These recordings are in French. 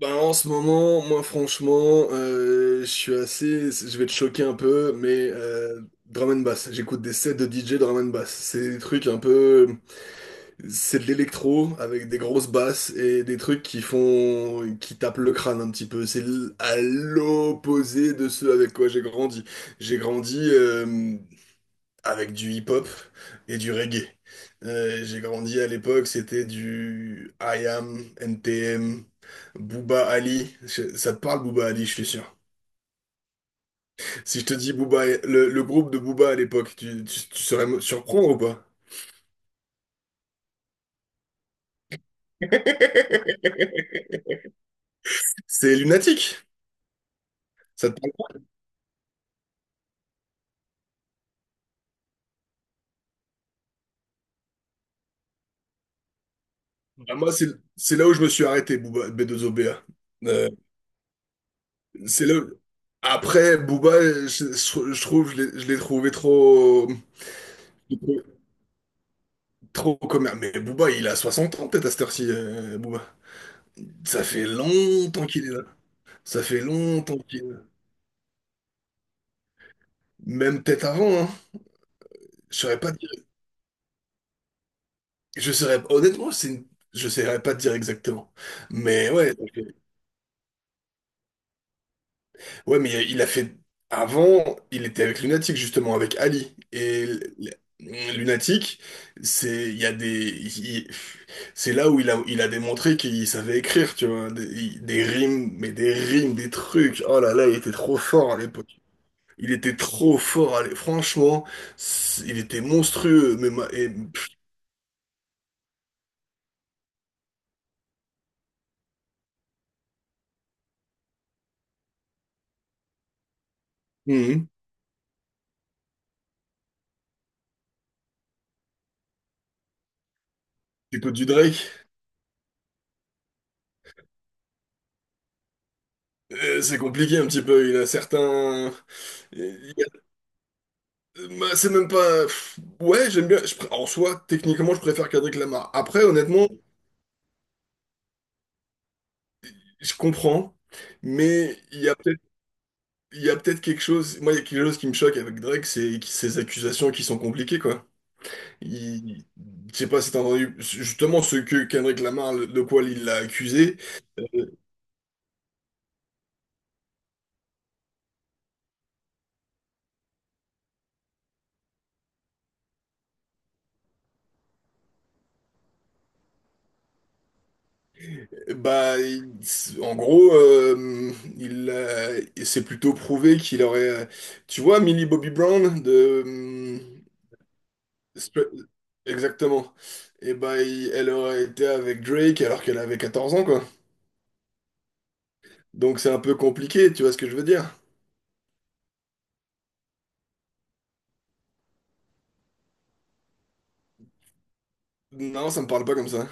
Ben, en ce moment, moi franchement, je vais te choquer un peu, mais drum and bass. J'écoute des sets de DJ drum and bass. C'est des trucs un peu, c'est de l'électro avec des grosses basses et des trucs qui font, qui tapent le crâne un petit peu. À l'opposé de ce avec quoi j'ai grandi. J'ai grandi. Avec du hip-hop et du reggae. J'ai grandi à l'époque, c'était du IAM, NTM, Booba Ali. Ça te parle Booba Ali, je suis sûr. Si je te dis Booba, le groupe de Booba à l'époque, tu saurais me surprendre ou pas? C'est lunatique. Ça te parle pas. Bah, moi, c'est là où je me suis arrêté, Booba, B2OBA. Euh, c'est là. Après, Booba, je trouve, je l'ai trouvé trop. Trop commun. Mais Booba, il a 60 ans peut-être à cette heure-ci, Booba. Ça fait longtemps qu'il est là. Ça fait longtemps qu'il est là. Même peut-être avant, hein. Je saurais pas dire. Je saurais... Honnêtement, je saurais pas dire exactement. Mais ouais, ça fait- ouais, mais il a fait... Avant, il était avec Lunatic, justement, avec Ali. Lunatic, c'est... Il y a des... il- C'est là où il a démontré qu'il savait écrire, tu vois. Des rimes, mais des rimes, des trucs. Oh là là, il était trop fort à l'époque. Il était trop fort, allez, franchement, il était monstrueux, hum, t'écoutes du Drake, c'est compliqué un petit peu, il a certains... il y a- bah, c'est même pas... ouais, j'aime bien, en soi, techniquement, je préfère Kendrick Lamar. Après, honnêtement, je comprends, mais il y a peut-être quelque chose... Moi, il y a quelque chose qui me choque avec Drake, c'est ses accusations qui sont compliquées, quoi. Il... Je sais pas si t'as entendu, justement, ce que Kendrick Lamar, de quoi il l'a accusé. Bah, il- En gros, il s'est plutôt prouvé qu'il aurait, tu vois, Millie Bobby Brown, Stra- exactement. Et bah, elle aurait été avec Drake alors qu'elle avait 14 ans, quoi. Donc c'est un peu compliqué, tu vois ce que je veux dire? Non, ça me parle pas comme ça.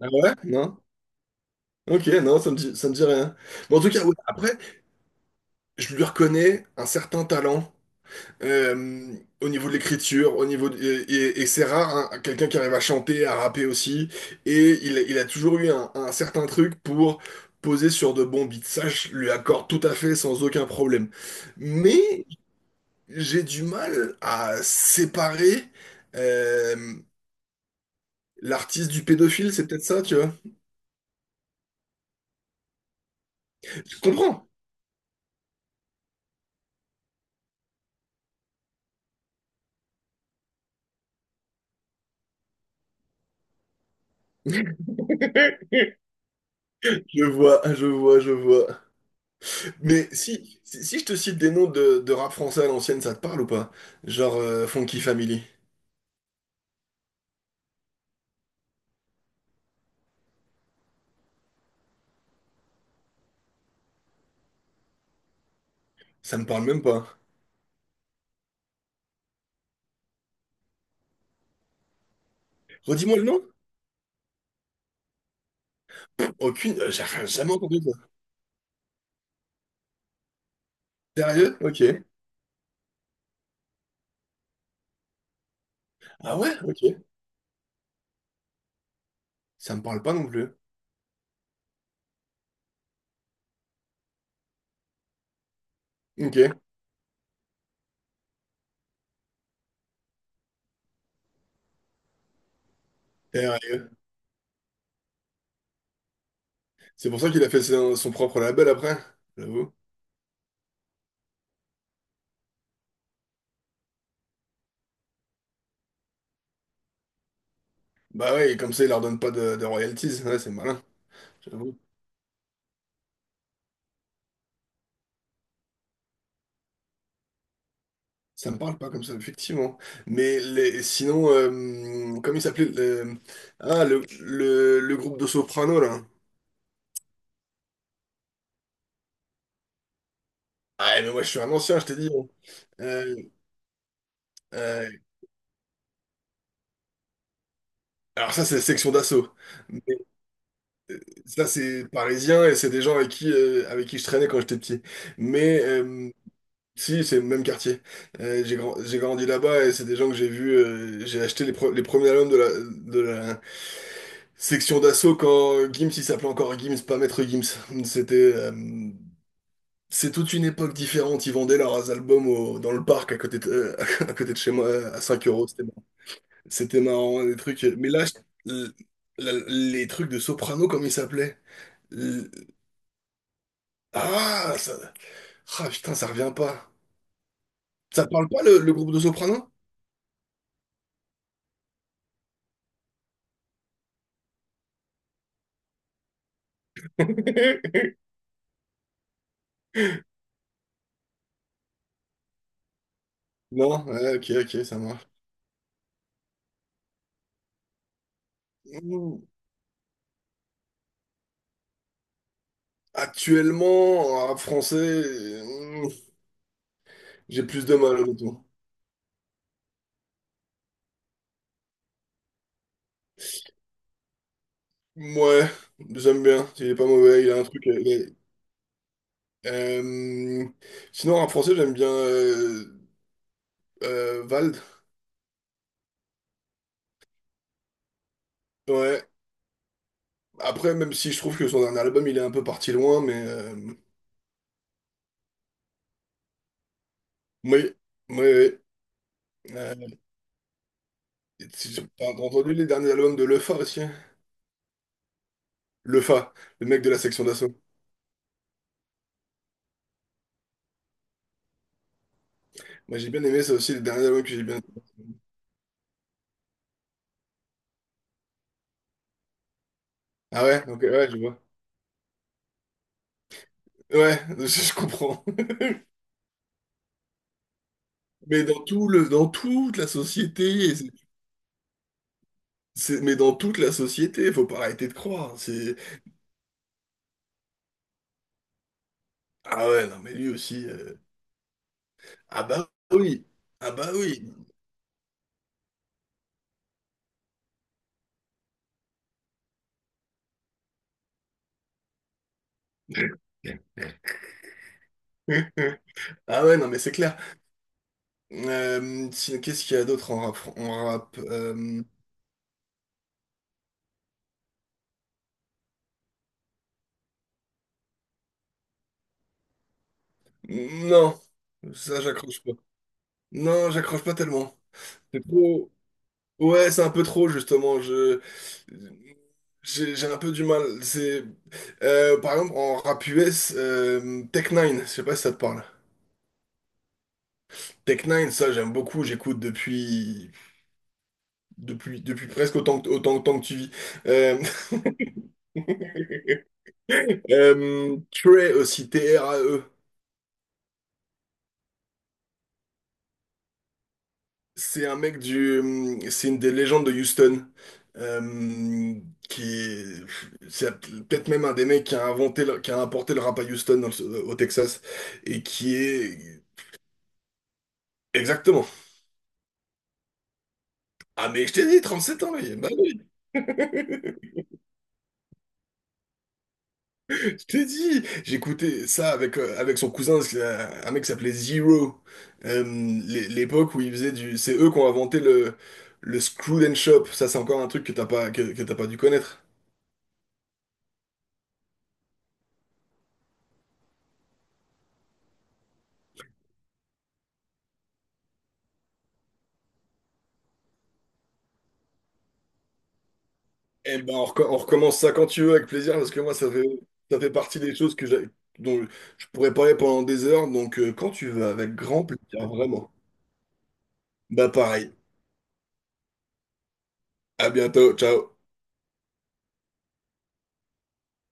Ah ouais? Non? Ok, non, ça me dit rien. Mais en tout cas, ouais, après, je lui reconnais un certain talent. Au niveau de l'écriture, et c'est rare, hein, quelqu'un qui arrive à chanter, à rapper aussi, et il a toujours eu un certain truc pour poser sur de bons beats. Ça, je lui accorde tout à fait sans aucun problème. Mais j'ai du mal à séparer euh, l'artiste du pédophile, c'est peut-être ça, tu vois. Je comprends. Je vois, je vois, je vois. Mais si je te cite des noms de rap français à l'ancienne, ça te parle ou pas? Genre Funky Family. Ça me parle même pas. Redis-moi le nom? Aucune. J'ai jamais entendu ça. Sérieux? Ok. Ah ouais? Ok. Ça me parle pas non plus. Ok. Sérieux. C'est pour ça qu'il a fait son propre label après, j'avoue. Bah ouais, et comme ça, il leur donne pas de royalties. Ouais, c'est malin, j'avoue. Ça me parle pas comme ça, effectivement. Mais les, sinon, comment il s'appelait? Ah, le groupe de Soprano, là. Ah, mais moi, je suis un ancien, je t'ai dit, hein. Euh, euh, alors ça, c'est la Section d'Assaut. Ça, c'est parisien et c'est des gens avec qui je traînais quand j'étais petit. Mais si, c'est le même quartier. J'ai grandi là-bas et c'est des gens que j'ai vus. J'ai acheté les premiers albums de de la Section d'Assaut quand Gims, il s'appelait encore Gims, pas Maître Gims. C'était, euh, c'est toute une époque différente. Ils vendaient leurs albums dans le parc à côté de, à côté de chez moi à 5 euros. C'était marrant. C'était marrant, des trucs. Mais là, les trucs de Soprano, comme ils s'appelaient. Ah, ça... ah, putain, ça revient pas. Ça te parle pas le groupe de Soprano? Non? Ouais, ok, ok, ça marche. Mm. Actuellement, en rap français, mm, j'ai plus de mal, honnêtement. Ouais, j'aime bien. Il est pas mauvais, il a un truc. A- euh, Sinon, en rap français, j'aime bien Vald. Ouais. Après, même si je trouve que son dernier album, il est un peu parti loin, mais oui, oui. Euh, T'as entendu les derniers albums de Lefa aussi? Le Fa, le mec de la Section d'Assaut. Moi j'ai bien aimé ça aussi, les derniers albums que j'ai bien. Ah ouais, ok, ouais, je vois. Ouais, je comprends. Mais dans dans toute la société, mais dans toute la société, faut pas arrêter de croire. C'est ah ouais, non mais lui aussi. Ah bah oui, ah bah oui. Ah ouais, non mais c'est clair. Qu'est-ce qu'il y a d'autre en rap, non, ça j'accroche pas. Non, j'accroche pas tellement. C'est trop. Ouais, c'est un peu trop justement. Je j'ai un peu du mal. C'est par exemple en rap US, Tech Nine je sais pas si ça te parle. Tech Nine ça j'aime beaucoup, j'écoute depuis depuis presque autant que autant autant que tu vis. Euh, Trey aussi, T-R-A-E. C'est un mec du C'est une des légendes de Houston. Euh, qui est, c'est Peut-être même un des mecs qui a inventé, qui a apporté le rap à Houston, au Texas et qui est exactement. Ah mais je t'ai dit, 7 ans, lui. Bah oui. Je t'ai dit, j'écoutais ça avec, avec son cousin, c'est, un mec qui s'appelait Zero. Euh, L'époque où ils faisaient du... C'est eux qui ont inventé le screw and Shop. Ça, c'est encore un truc que t'as pas, que t'as pas dû connaître. Eh ben, on recommence ça quand tu veux, avec plaisir, parce que moi, ça fait partie des choses dont je pourrais parler pendant des heures. Donc, quand tu veux, avec grand plaisir, vraiment. Bah pareil. À bientôt. Ciao.